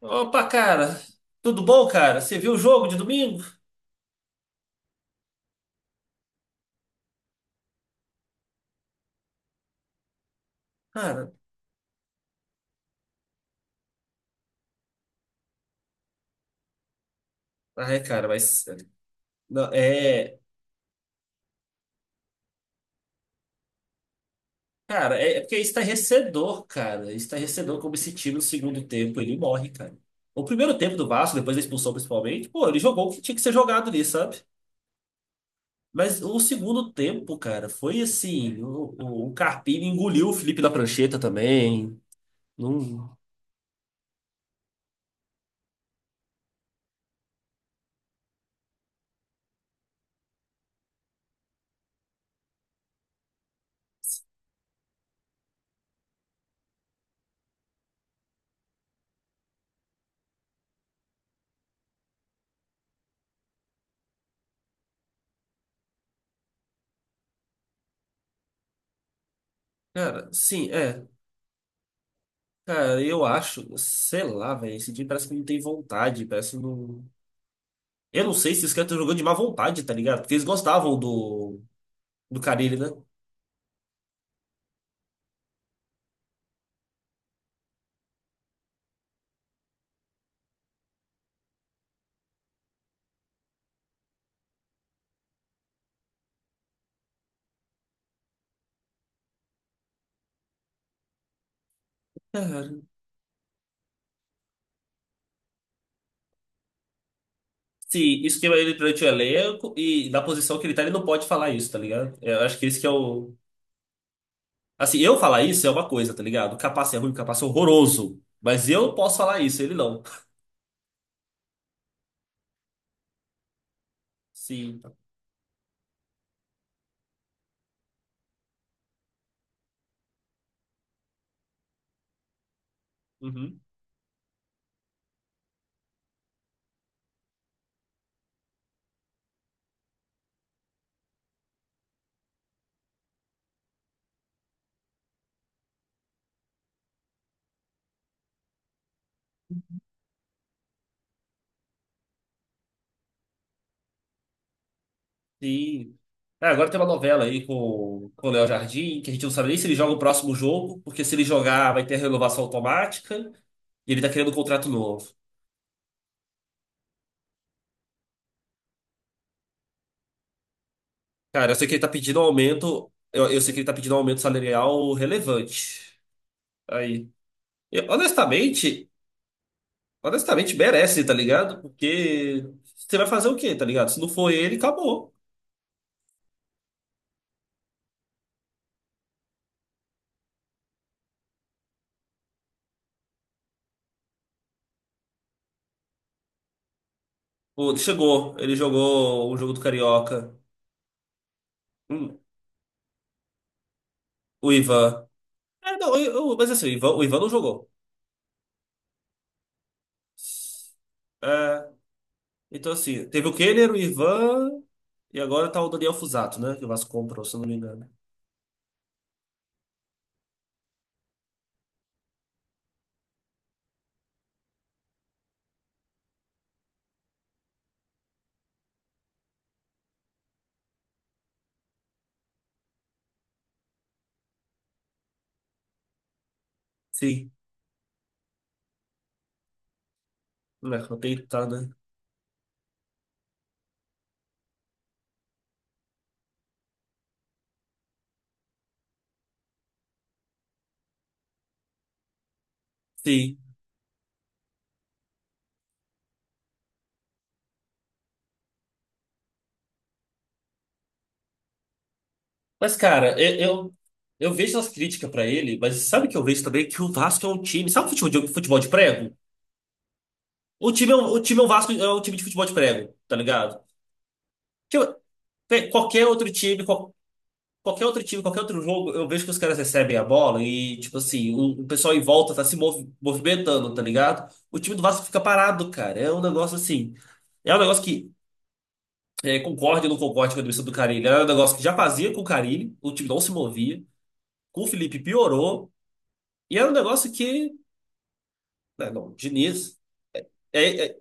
Opa, cara, tudo bom, cara? Você viu o jogo de domingo? Cara, ai, cara, mas. Não, é. Cara, é porque é estarrecedor, cara. É estarrecedor como esse time no segundo tempo ele morre, cara. O primeiro tempo do Vasco, depois da expulsão principalmente, pô, ele jogou o que tinha que ser jogado ali, sabe? Mas o segundo tempo, cara, foi assim: o Carpini engoliu o Felipe da prancheta também. Não. Cara, sim, é. Cara, eu acho, sei lá, velho, esse time parece que não tem vontade, parece que não. Eu não sei se os caras estão jogando de má vontade, tá ligado? Porque eles gostavam do Carille, né? Se isso queima ele durante o elenco e na posição que ele tá, ele não pode falar isso, tá ligado? Eu acho que esse que é o. Assim, eu falar isso é uma coisa, tá ligado? O Capace é ruim, o Capace é horroroso. Mas eu posso falar isso, ele não. Sim. Uhum. Sim. Ah, agora tem uma novela aí com o Léo Jardim, que a gente não sabe nem se ele joga o próximo jogo, porque se ele jogar vai ter a renovação automática e ele tá querendo um contrato novo. Cara, eu sei que ele tá pedindo um aumento. Eu sei que ele tá pedindo um aumento salarial relevante. Aí. Eu, honestamente, merece, tá ligado? Porque você vai fazer o quê, tá ligado? Se não for ele, acabou. Pô, chegou, ele jogou o jogo do Carioca. Hum, o Ivan. É, não, mas assim, o Ivan não jogou. É, então, assim, teve o Kenner, o Ivan, e agora tá o Daniel Fusato, né? Que o Vasco comprou, se eu não me engano. Sim, né? Não tem, tá, né? Sim. Mas, cara, eu, eu vejo as críticas pra ele, mas sabe que eu vejo também que o Vasco é um time. Sabe o futebol de, prego? O time é um Vasco, é um time de futebol de prego, tá ligado? Que qualquer outro time, qualquer outro time, qualquer outro jogo, eu vejo que os caras recebem a bola e, tipo assim, o pessoal em volta tá se movimentando, tá ligado? O time do Vasco fica parado, cara. É um negócio assim. É um negócio que é, concorde ou não concorde com a demissão do Carille. Era um negócio que já fazia com o Carille, o time não se movia. Com o Felipe piorou. E era um negócio que. Não, não, Diniz. É,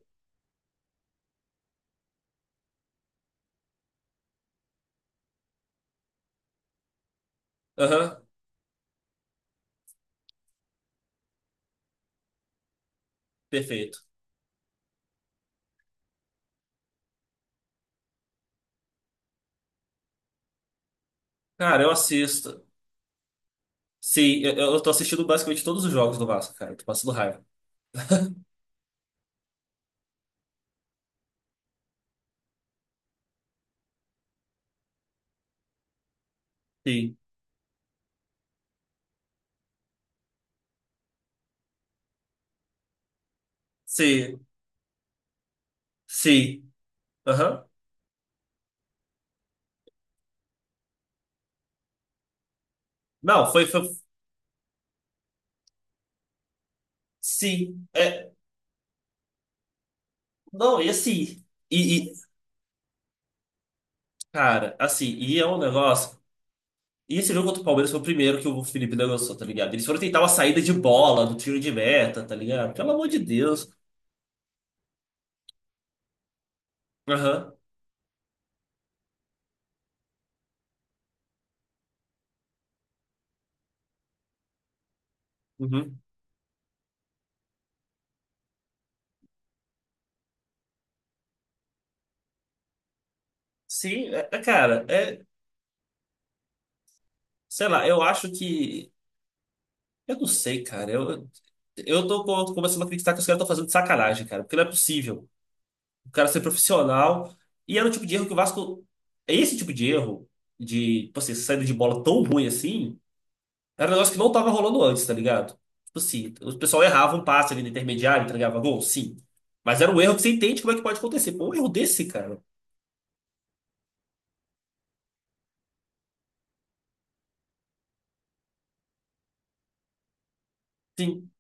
aham, perfeito. Cara, eu assisto. Sim, eu tô assistindo basicamente todos os jogos do Vasco, cara. Tô passando raiva. Sim, sim, sim. Aham. Não, foi, foi. Sim. É, não, e assim. E, cara, assim, e é um negócio. E esse jogo contra o Palmeiras foi o primeiro que o Felipe negociou, tá ligado? Eles foram tentar uma saída de bola, do tiro de meta, tá ligado? Pelo amor de Deus. Aham. Uhum. Sim, é, cara, é. Sei lá, eu acho que eu não sei, cara. Eu tô começando a acreditar que os caras estão fazendo de sacanagem, cara. Porque não é possível. O cara ser profissional. E era o tipo de erro que o Vasco. É esse tipo de erro, de, tipo assim, essa saída de bola tão ruim assim, era um negócio que não tava rolando antes, tá ligado? Tipo assim, o pessoal errava um passe ali no intermediário, entregava gol, sim. Mas era um erro que você entende como é que pode acontecer. Pô, um erro desse, cara. Sim,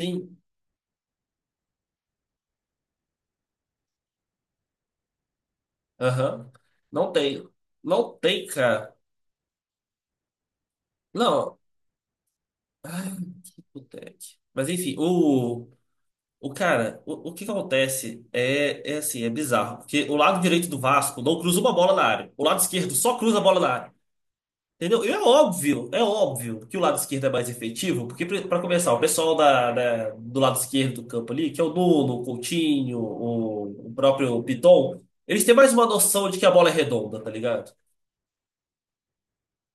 sim. Aham. Não tem. Não tem, cara. Não. Não tem. Mas enfim, o. O cara, o que acontece é, assim, é bizarro. Porque o lado direito do Vasco não cruza uma bola na área. O lado esquerdo só cruza a bola na área. Entendeu? E é óbvio que o lado esquerdo é mais efetivo, porque para começar, o pessoal da, do lado esquerdo do campo ali, que é o Nuno, o Coutinho, o próprio Piton, eles têm mais uma noção de que a bola é redonda, tá ligado?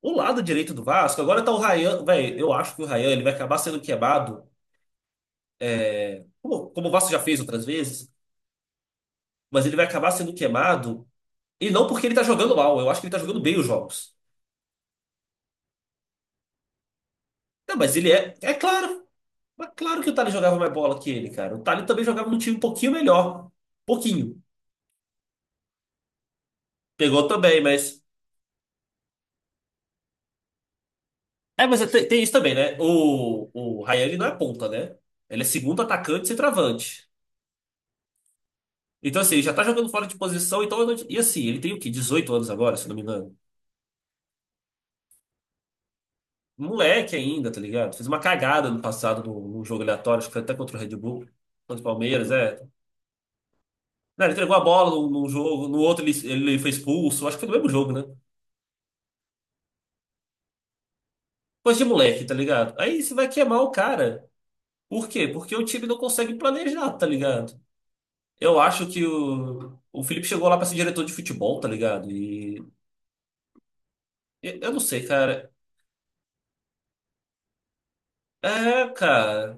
O lado direito do Vasco, agora tá o Rayan, velho, eu acho que o Rayan ele vai acabar sendo queimado, é, como o Vasco já fez outras vezes, mas ele vai acabar sendo queimado. E não porque ele tá jogando mal, eu acho que ele tá jogando bem os jogos. Não, mas ele é. É claro que o Tali jogava mais bola que ele, cara. O Tali também jogava num time um pouquinho melhor. Pouquinho. Pegou também, mas. É, mas tem isso também, né? O Ryan ele não é ponta, né? Ele é segundo atacante e centroavante. Então, assim, ele já tá jogando fora de posição, então. Eu não- E assim, ele tem o quê? 18 anos agora, se não me engano. Moleque ainda, tá ligado? Fez uma cagada no passado num jogo aleatório, acho que foi até contra o Red Bull, contra o Palmeiras, é. Não, ele entregou a bola num jogo, no outro ele foi expulso. Acho que foi no mesmo jogo, né? Coisa de moleque, tá ligado? Aí você vai queimar o cara. Por quê? Porque o time não consegue planejar, tá ligado? Eu acho que o Felipe chegou lá pra ser diretor de futebol, tá ligado? Eu não sei, cara. É, cara.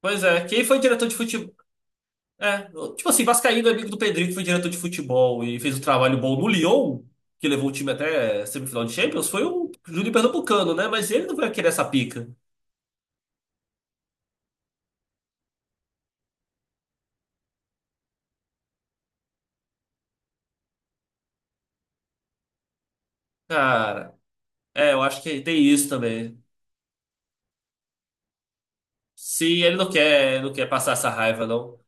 Pois é, quem foi diretor de futebol? É, tipo assim, Vascaíno, é amigo do Pedrinho, que foi diretor de futebol e fez um trabalho bom no Lyon, que levou o time até semifinal de Champions, foi o Júnior Pernambucano, né? Mas ele não vai querer essa pica. Cara. É, eu acho que tem isso também. Se ele não quer, não quer passar essa raiva, não.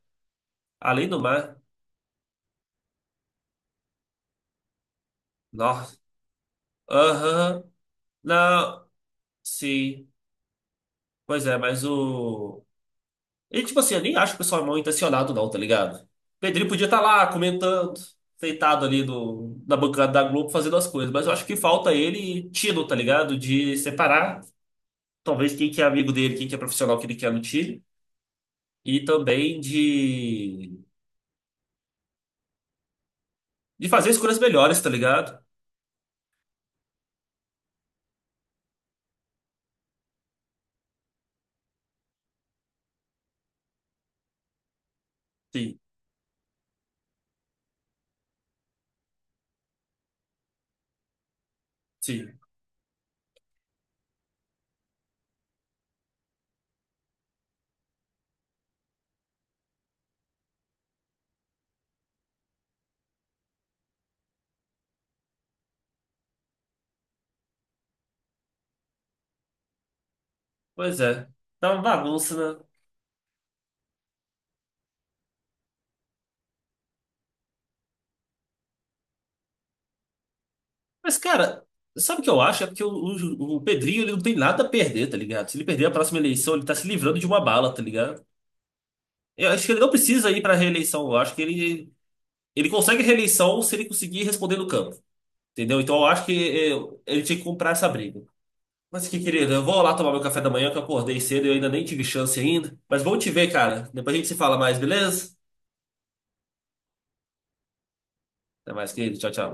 Além do mar. Nossa. Aham. Não. Sim. Pois é, mas o. E tipo assim, eu nem acho que o pessoal é mal intencionado, não, tá ligado? Pedrinho podia estar lá comentando, deitado ali no, na bancada da Globo fazendo as coisas, mas eu acho que falta ele tino, tá ligado? De separar, talvez, quem que é amigo dele, quem que é profissional que ele quer no time, e também de, fazer escolhas melhores, tá ligado? Sim. Sim. Pois é, tá uma bagunça, né? Mas, cara, sabe o que eu acho? É porque o Pedrinho ele não tem nada a perder, tá ligado? Se ele perder a próxima eleição, ele tá se livrando de uma bala, tá ligado? Eu acho que ele não precisa ir pra reeleição. Eu acho que ele consegue reeleição se ele conseguir responder no campo, entendeu? Então eu acho que é, ele tinha que comprar essa briga. Mas que querido, eu vou lá tomar meu café da manhã, que eu acordei cedo e eu ainda nem tive chance ainda. Mas bom te ver, cara. Depois a gente se fala mais, beleza? Até mais, querido. Tchau, tchau.